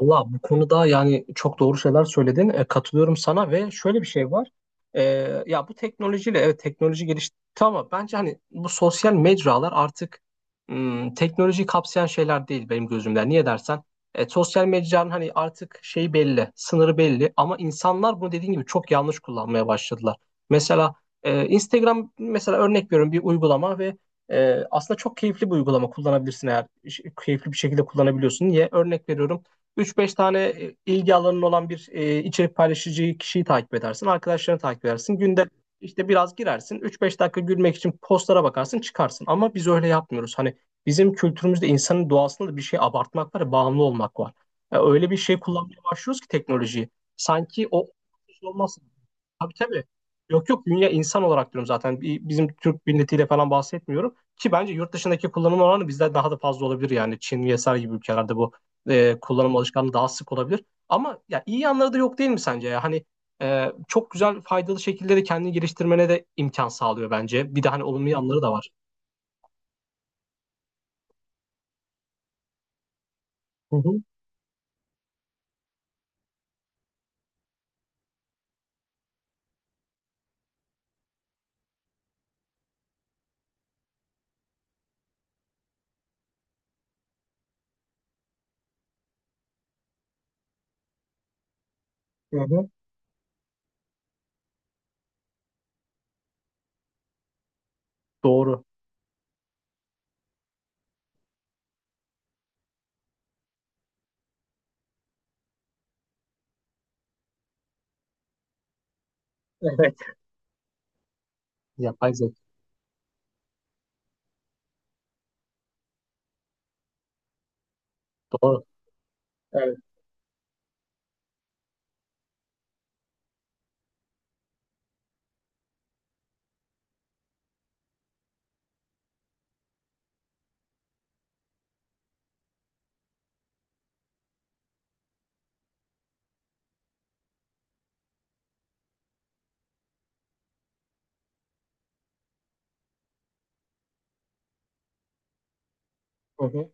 Valla bu konuda yani çok doğru şeyler söyledin. Katılıyorum sana ve şöyle bir şey var. E, ya bu teknolojiyle evet teknoloji gelişti ama bence hani bu sosyal mecralar artık teknolojiyi kapsayan şeyler değil benim gözümden. Niye dersen sosyal mecranın hani artık şeyi belli, sınırı belli ama insanlar bunu dediğin gibi çok yanlış kullanmaya başladılar. Mesela Instagram mesela örnek veriyorum bir uygulama ve aslında çok keyifli bir uygulama kullanabilirsin eğer keyifli bir şekilde kullanabiliyorsun. Niye? Örnek veriyorum. 3-5 tane ilgi alanın olan bir içerik paylaşıcı kişiyi takip edersin. Arkadaşlarını takip edersin. Günde işte biraz girersin. 3-5 dakika gülmek için postlara bakarsın çıkarsın. Ama biz öyle yapmıyoruz. Hani bizim kültürümüzde insanın doğasında da bir şey abartmak var ya, bağımlı olmak var. Ya öyle bir şey kullanmaya başlıyoruz ki teknolojiyi. Sanki o olmaz. Tabii, tabii. Yok, yok, dünya insan olarak diyorum zaten. Bizim Türk milletiyle falan bahsetmiyorum. Ki bence yurt dışındaki kullanım oranı bizden daha da fazla olabilir yani. Çin vesaire gibi ülkelerde bu kullanım alışkanlığı daha sık olabilir. Ama ya iyi yanları da yok değil mi sence ya? Hani çok güzel faydalı şekilde de kendini geliştirmene de imkan sağlıyor bence. Bir de hani olumlu yanları da var. Hı hı, hı hı. Doğru. Evet. Yapay zeka. Doğru. Evet. Hı hı.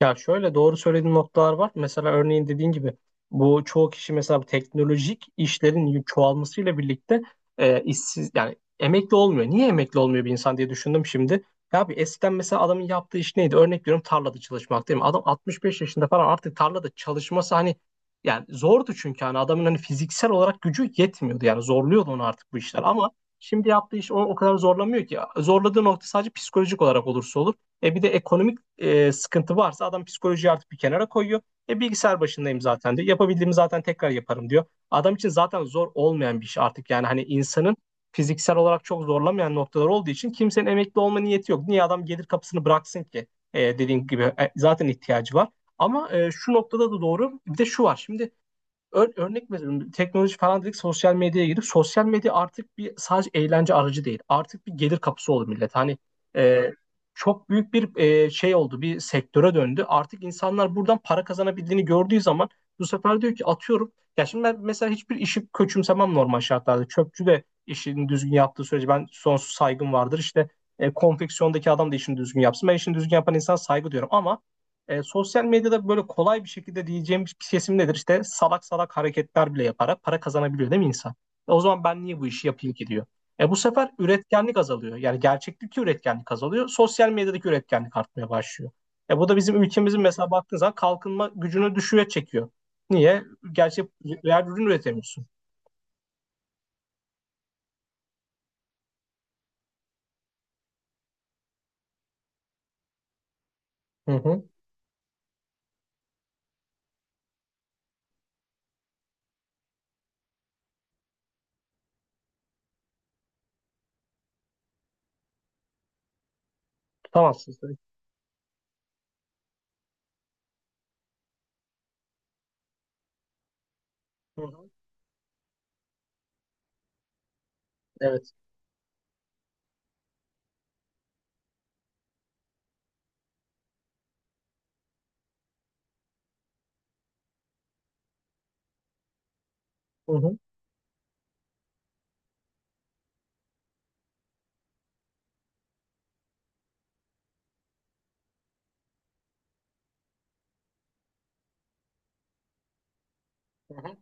Ya şöyle doğru söylediğin noktalar var. Mesela örneğin dediğin gibi bu çoğu kişi mesela bu teknolojik işlerin çoğalmasıyla birlikte işsiz yani emekli olmuyor. Niye emekli olmuyor bir insan diye düşündüm şimdi. Ya bir eskiden mesela adamın yaptığı iş neydi? Örnek veriyorum tarlada çalışmak değil mi? Adam 65 yaşında falan artık tarlada çalışması hani yani zordu, çünkü hani adamın hani fiziksel olarak gücü yetmiyordu. Yani zorluyordu onu artık bu işler, ama şimdi yaptığı iş onu o kadar zorlamıyor ki. Zorladığı nokta sadece psikolojik olarak olursa olur. Bir de ekonomik sıkıntı varsa adam psikolojiyi artık bir kenara koyuyor. Bilgisayar başındayım zaten diyor. Yapabildiğimi zaten tekrar yaparım diyor. Adam için zaten zor olmayan bir iş artık. Yani hani insanın fiziksel olarak çok zorlamayan noktalar olduğu için kimsenin emekli olma niyeti yok. Niye adam gelir kapısını bıraksın ki? Dediğim gibi zaten ihtiyacı var. Ama şu noktada da doğru. Bir de şu var. Şimdi örnek veriyorum, teknoloji falan dedik, sosyal medyaya girip sosyal medya artık bir sadece eğlence aracı değil, artık bir gelir kapısı oldu millet. Hani e, çok büyük bir şey oldu, bir sektöre döndü artık. İnsanlar buradan para kazanabildiğini gördüğü zaman bu sefer diyor ki, atıyorum, ya şimdi ben mesela hiçbir işi köçümsemem normal şartlarda, çöpçü de işini düzgün yaptığı sürece ben sonsuz saygım vardır. İşte konfeksiyondaki adam da işini düzgün yapsın, ben işini düzgün yapan insan saygı diyorum, ama sosyal medyada böyle kolay bir şekilde, diyeceğim bir kesim nedir? İşte salak salak hareketler bile yaparak para kazanabiliyor değil mi insan? O zaman ben niye bu işi yapayım ki diyor. Bu sefer üretkenlik azalıyor. Yani gerçeklik üretkenlik azalıyor. Sosyal medyadaki üretkenlik artmaya başlıyor. Bu da bizim ülkemizin, mesela baktığın zaman, kalkınma gücünü düşüğe çekiyor. Niye? Gerçek, real ürün üretemiyorsun. Hı hı. Tutamazsın, tabii. Hı hı. Evet. Hı hı. Hı hı.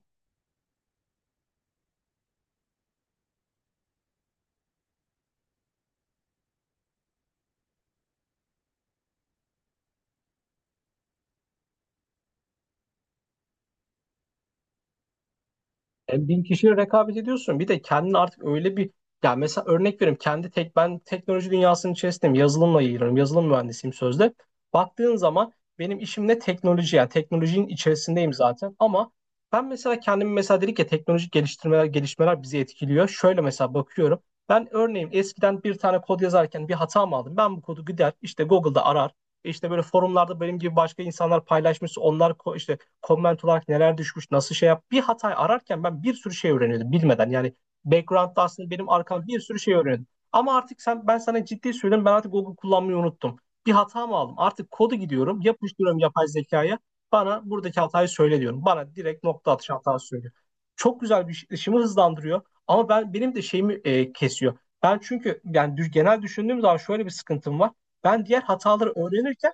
Bin kişiyle rekabet ediyorsun. Bir de kendini artık öyle bir, ya mesela örnek vereyim, kendi tek ben teknoloji dünyasının içerisindeyim. Yazılımla ilgileniyorum. Yazılım mühendisiyim sözde. Baktığın zaman benim işim ne, teknoloji yani, teknolojinin içerisindeyim zaten, ama ben mesela kendimi, mesela dedik ya teknolojik geliştirmeler, gelişmeler bizi etkiliyor. Şöyle mesela bakıyorum. Ben örneğin eskiden bir tane kod yazarken bir hata mı aldım, ben bu kodu gider işte Google'da arar. İşte böyle forumlarda benim gibi başka insanlar paylaşmış. İşte comment olarak neler düşmüş, nasıl şey yap. Bir hatayı ararken ben bir sürü şey öğreniyordum bilmeden. Yani background'da aslında benim arkamda bir sürü şey öğreniyordum. Ama artık sen, ben sana ciddi söylüyorum, ben artık Google kullanmayı unuttum. Bir hata mı aldım? Artık kodu gidiyorum, yapıştırıyorum yapay zekaya. Bana buradaki hatayı söyle diyorum. Bana direkt nokta atışı hatası söylüyor. Çok güzel, bir işimi hızlandırıyor. Ama benim de şeyimi kesiyor. Ben çünkü yani genel düşündüğüm zaman şöyle bir sıkıntım var. Ben diğer hataları öğrenirken.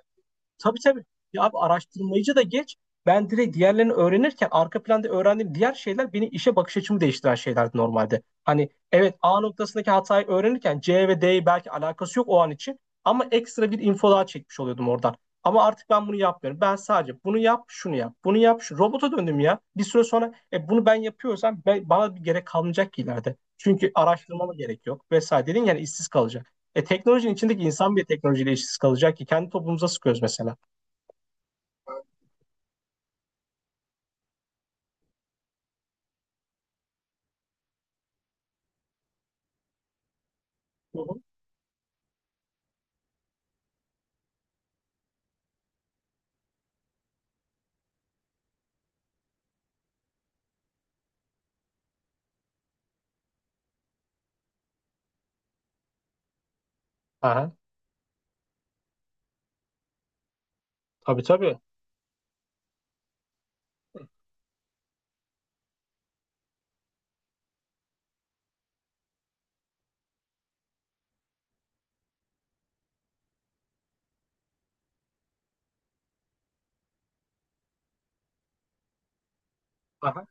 Tabii, tabii. Ya abi, araştırmacı da geç. Ben direkt diğerlerini öğrenirken arka planda öğrendiğim diğer şeyler, beni işe bakış açımı değiştiren şeylerdi normalde. Hani evet, A noktasındaki hatayı öğrenirken C ve D'yi, belki alakası yok o an için, ama ekstra bir info daha çekmiş oluyordum oradan. Ama artık ben bunu yapmıyorum. Ben sadece bunu yap, şunu yap, bunu yap, şu robota döndüm ya. Bir süre sonra bunu ben yapıyorsam, ben, bana bir gerek kalmayacak ki ileride. Çünkü araştırmama gerek yok, vesaire dedin, yani işsiz kalacak. Teknolojinin içindeki insan bir teknolojiyle işsiz kalacak ki, kendi toplumumuza sıkıyoruz mesela. Hı hı. Aha, tabii, tabii. Aha,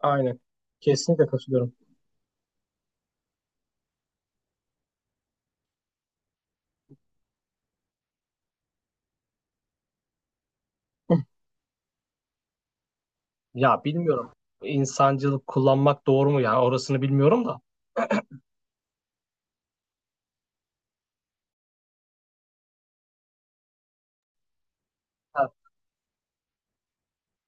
aynen. Kesinlikle katılıyorum. Ya bilmiyorum. İnsancılık kullanmak doğru mu, yani orasını bilmiyorum da.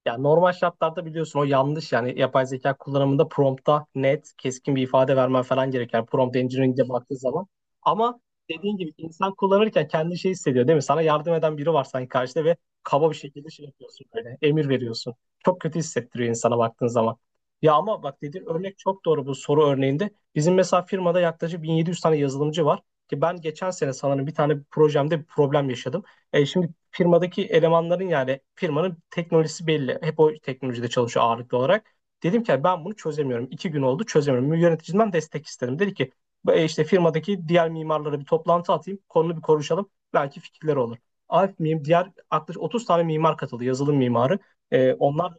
Ya normal şartlarda biliyorsun o yanlış, yani yapay zeka kullanımında prompta net keskin bir ifade vermen falan gerekiyor. Yani prompt engineering'e baktığı zaman. Ama dediğin gibi insan kullanırken kendi şey hissediyor değil mi? Sana yardım eden biri var sanki karşıda ve kaba bir şekilde şey yapıyorsun, böyle emir veriyorsun. Çok kötü hissettiriyor insana baktığın zaman. Ya ama bak, dediğin örnek çok doğru bu soru örneğinde. Bizim mesela firmada yaklaşık 1700 tane yazılımcı var. Ki ben geçen sene sanırım bir tane projemde bir problem yaşadım. Şimdi firmadaki elemanların, yani firmanın teknolojisi belli. Hep o teknolojide çalışıyor ağırlıklı olarak. Dedim ki ben bunu çözemiyorum. İki gün oldu çözemiyorum. Yöneticimden destek istedim. Dedi ki işte firmadaki diğer mimarlara bir toplantı atayım. Konunu bir konuşalım. Belki fikirleri olur." Alp miyim? Diğer yaklaşık 30 tane mimar katıldı. Yazılım mimarı. E, onlar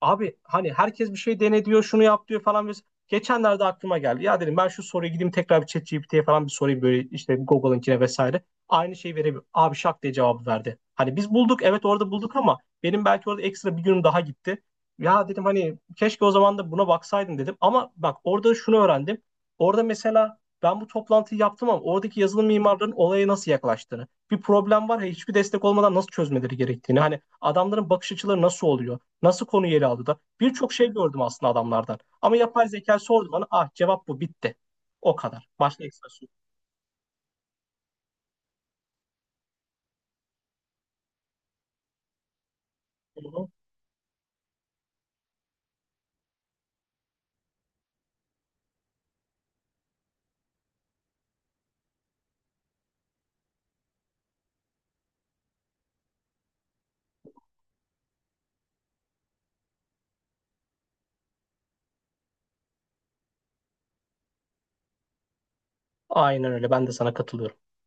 Abi hani herkes bir şey dene diyor, şunu yap diyor falan. Geçenlerde aklıma geldi. Ya dedim, ben şu soruyu gideyim tekrar bir ChatGPT'ye falan bir sorayım, böyle işte Google'ınkine vesaire. Aynı şeyi verebilir. Abi şak diye cevabı verdi. Hani biz bulduk, evet orada bulduk, ama benim belki orada ekstra bir günüm daha gitti. Ya dedim, hani keşke o zaman da buna baksaydım dedim. Ama bak, orada şunu öğrendim. Orada mesela ben bu toplantıyı yaptım, ama oradaki yazılım mimarlarının olaya nasıl yaklaştığını, bir problem var ya, hiçbir destek olmadan nasıl çözmeleri gerektiğini, hani adamların bakış açıları nasıl oluyor? Nasıl konu ele aldı da? Birçok şey gördüm aslında adamlardan. Ama yapay zeka sordu bana. Ah, cevap bu, bitti. O kadar. Başka ekstra sorun. Yok. Aynen öyle. Ben de sana katılıyorum.